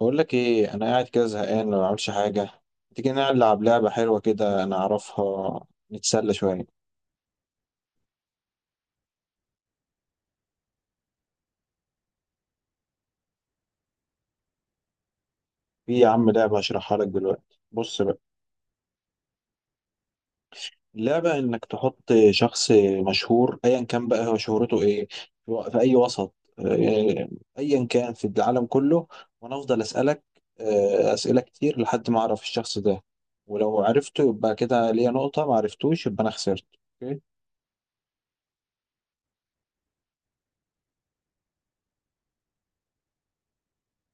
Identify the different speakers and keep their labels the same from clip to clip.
Speaker 1: بقول لك ايه، انا قاعد كده زهقان ما بعملش حاجه. تيجي نلعب لعبه حلوه كده انا اعرفها، نتسلى شويه. في يا عم لعبه هشرحها لك دلوقتي، بص بقى. اللعبه انك تحط شخص مشهور ايا كان بقى هو شهرته ايه، في اي وسط، ايا كان في العالم كله، وانا افضل اسالك اسئله كتير لحد ما اعرف الشخص ده. ولو عرفته يبقى كده ليا نقطه، ما عرفتوش يبقى انا خسرت. أوكي؟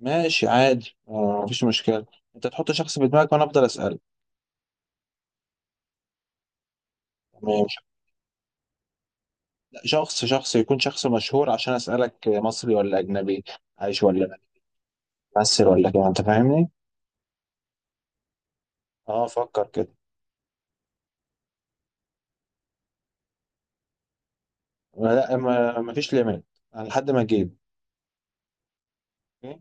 Speaker 1: ماشي عادي، مفيش مشكله. انت تحط شخص في دماغك وانا افضل اسالك. ماشي. لا، شخص يكون شخص مشهور. عشان أسألك، مصري ولا أجنبي؟ عايش ولا؟ ممثل ولا كده، أنت فاهمني؟ أه، فكر كده. لا، ما مفيش ليميت، لحد ما أجيب. أوكي؟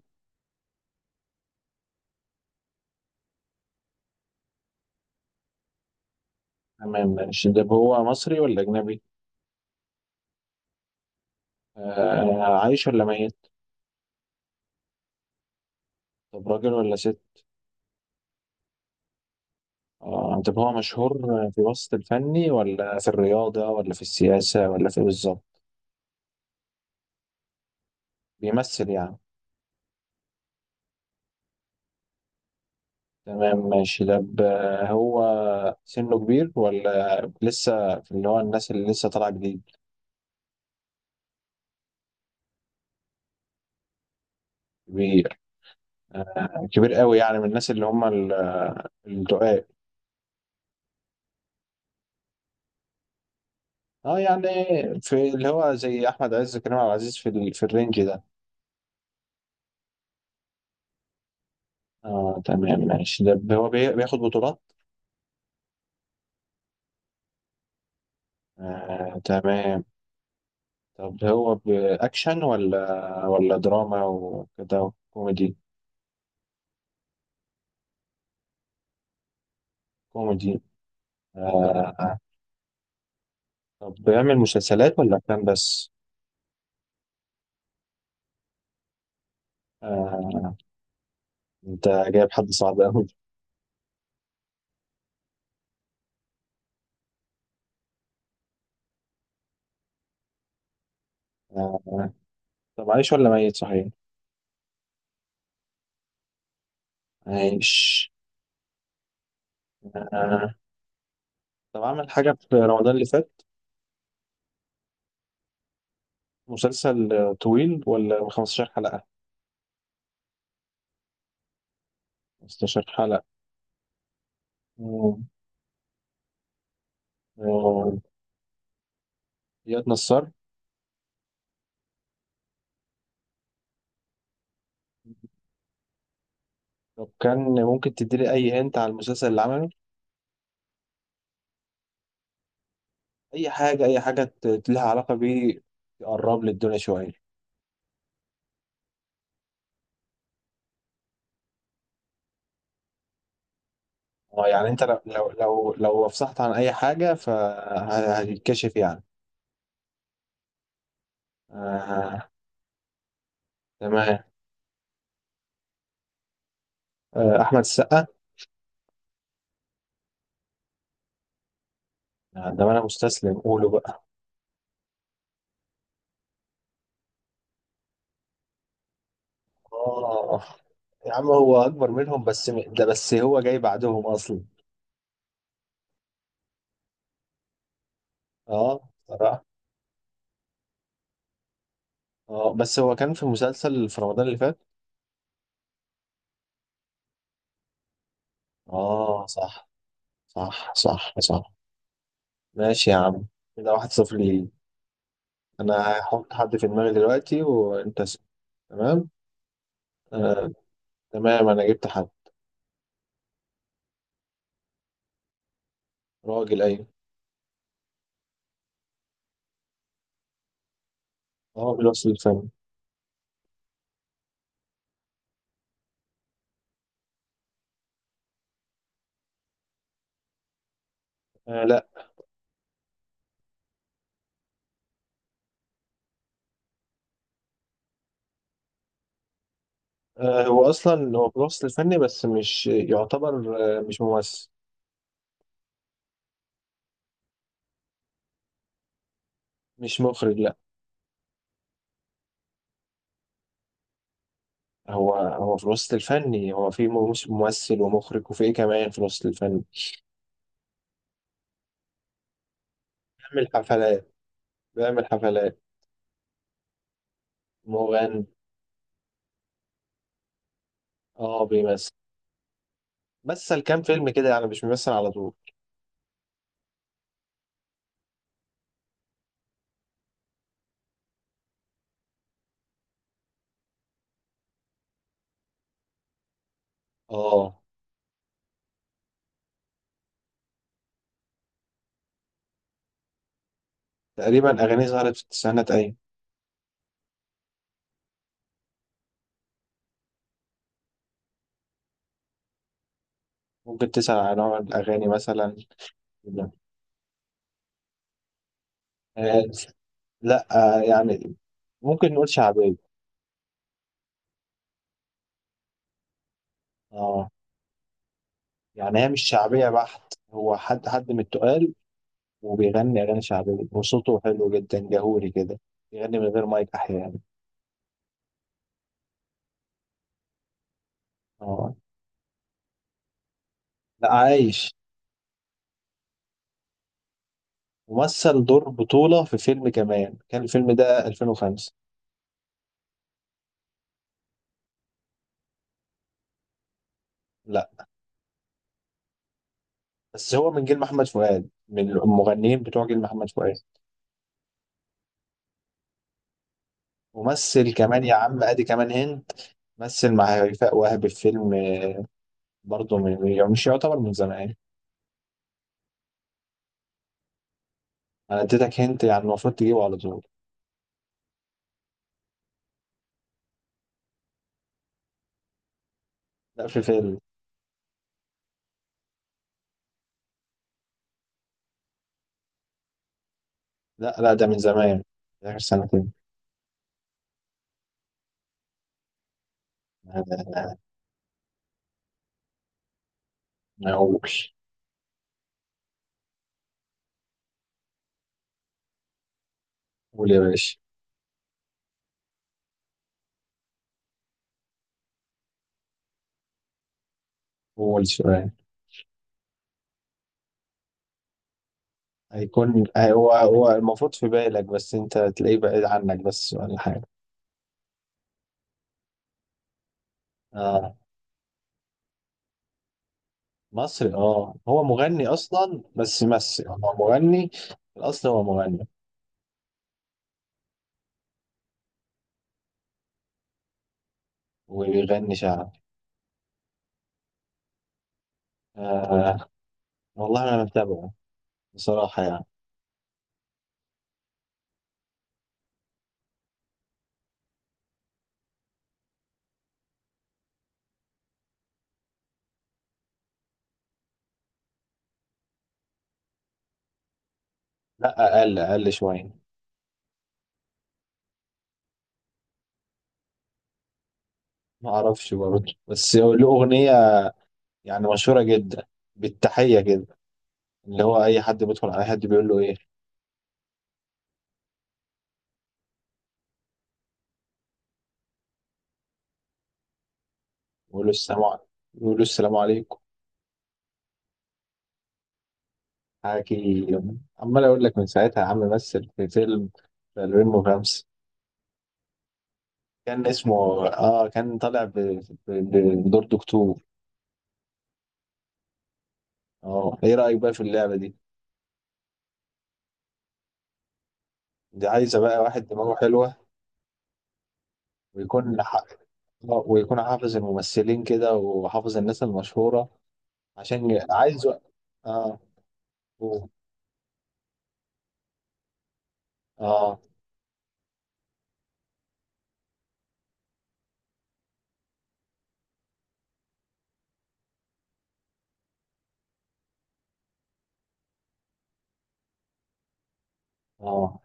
Speaker 1: تمام ماشي. ده هو مصري ولا أجنبي؟ آه، عايش ولا ميت؟ طب راجل ولا ست؟ آه، طب هو مشهور في الوسط الفني، ولا في الرياضة، ولا في السياسة، ولا في إيه بالظبط؟ بيمثل يعني. تمام ماشي. طب هو سنه كبير، ولا لسه في اللي هو الناس اللي لسه طالعة جديد؟ كبير. كبير قوي، يعني من الناس اللي هم الرقاق. اه يعني، في اللي هو زي احمد عز، كريم عبد العزيز، في في الرينج ده. اه تمام ماشي. ده هو بياخد بطولات. آه تمام. طب هو باكشن ولا ولا دراما وكده، كوميدي؟ كوميدي. آه. طب بيعمل مسلسلات ولا افلام بس؟ آه، انت جايب حد صعب قوي. آه، طب عايش ولا ميت، صحيح؟ عايش. آه، طب عمل حاجة في رمضان اللي فات؟ مسلسل طويل ولا 15 حلقة؟ 15 حلقة. مم. آه، إياد نصار. لو كان ممكن تديلي أي هنت على المسلسل اللي عمله، أي حاجة، أي حاجة لها علاقة بيه، تقرب لي الدنيا شوية. آه، يعني أنت لو لو افصحت عن أي حاجة فهتتكشف يعني. آه، تمام. آه، أحمد السقا. آه، ده أنا مستسلم، قوله بقى. آه يا عم، هو أكبر منهم بس ده، بس هو جاي بعدهم أصلا. آه صراحة. اه بس هو كان في مسلسل في رمضان اللي فات. اه، صح صح صح. صح ماشي يا عم. كده واحد صفر ليه. انا هحط حد في دماغي دلوقتي وانت اسم. تمام. آه. تمام، انا جبت حد. راجل ايوه. هو بالوصف الفني. آه لا. آه، هو اصلا هو بالوصف الفني بس مش يعتبر، آه مش ممثل. مش مخرج لا. هو في الوسط الفني، هو في ممثل ومخرج وفي ايه كمان في الوسط الفني. بيعمل حفلات. بيعمل حفلات. مغني. اه بيمثل. مثل كام فيلم كده يعني، مش بيمثل على طول. اه. تقريبا اغانيه ظهرت في التسعينات، ايوه. ممكن تسأل عن نوع الاغاني مثلا. آه. لا. آه يعني، ممكن نقول شعبيه. اه يعني، هي مش شعبيه بحت، هو حد من التقال، وبيغني اغاني شعبيه وصوته حلو جدا، جهوري كده. بيغني من غير مايك احيانا. اه. لا عايش. ومثل دور بطوله في فيلم كمان، كان الفيلم ده 2005. لا، بس هو من جيل محمد فؤاد، من المغنيين بتوع جيل محمد فؤاد. ممثل كمان يا عم، ادي كمان هند. مثل مع هيفاء وهبي في فيلم، برضه من، يعني مش يعتبر من زمان. انا اديتك هنت، يعني المفروض تجيبه على طول. لا، في فيلم. لا لا، ده من زمان. ده اخر سنتين. انا اقول. قول يا باشا. قول سؤال. هيكون هو المفروض في بالك، بس انت تلاقيه بعيد عنك بس ولا حاجه. اه. مصري اه، هو مغني اصلا بس يمثل، هو مغني. في الاصل هو مغني. وبيغني شعبي. آه والله انا متابعه بصراحة يعني. لا، أقل، أقل شوية. ما أعرفش برضه، بس له أغنية يعني مشهورة جدا، بالتحية كده، اللي هو أي حد بيدخل على حد بيقول له إيه. بيقول له السلام عليكم. بيقول له السلام عليكم. حكي. عمال أقول لك من ساعتها يا عم، مثل في فيلم في 2005، كان اسمه آه، كان طالع بدور دكتور. آه، إيه رأيك بقى في اللعبة دي؟ دي عايزة بقى واحد دماغه حلوة ويكون ح- ويكون حافظ الممثلين كده وحافظ الناس المشهورة عشان عايز اه. أوه. اه اه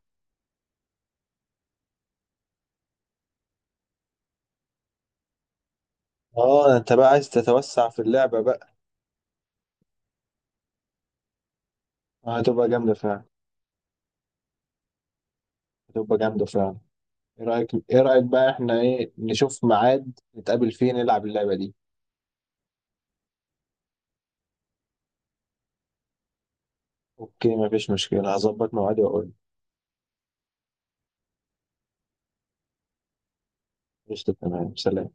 Speaker 1: اه، انت بقى عايز تتوسع في اللعبة بقى. آه هتبقى جامدة فعلا. هتبقى جامدة فعلا. ايه رأيك ايه رأيك بقى، احنا ايه نشوف ميعاد نتقابل فيه نلعب اللعبة دي. اوكي مفيش مشكلة، هظبط ميعادي واقول. قشطة تمام، سلام.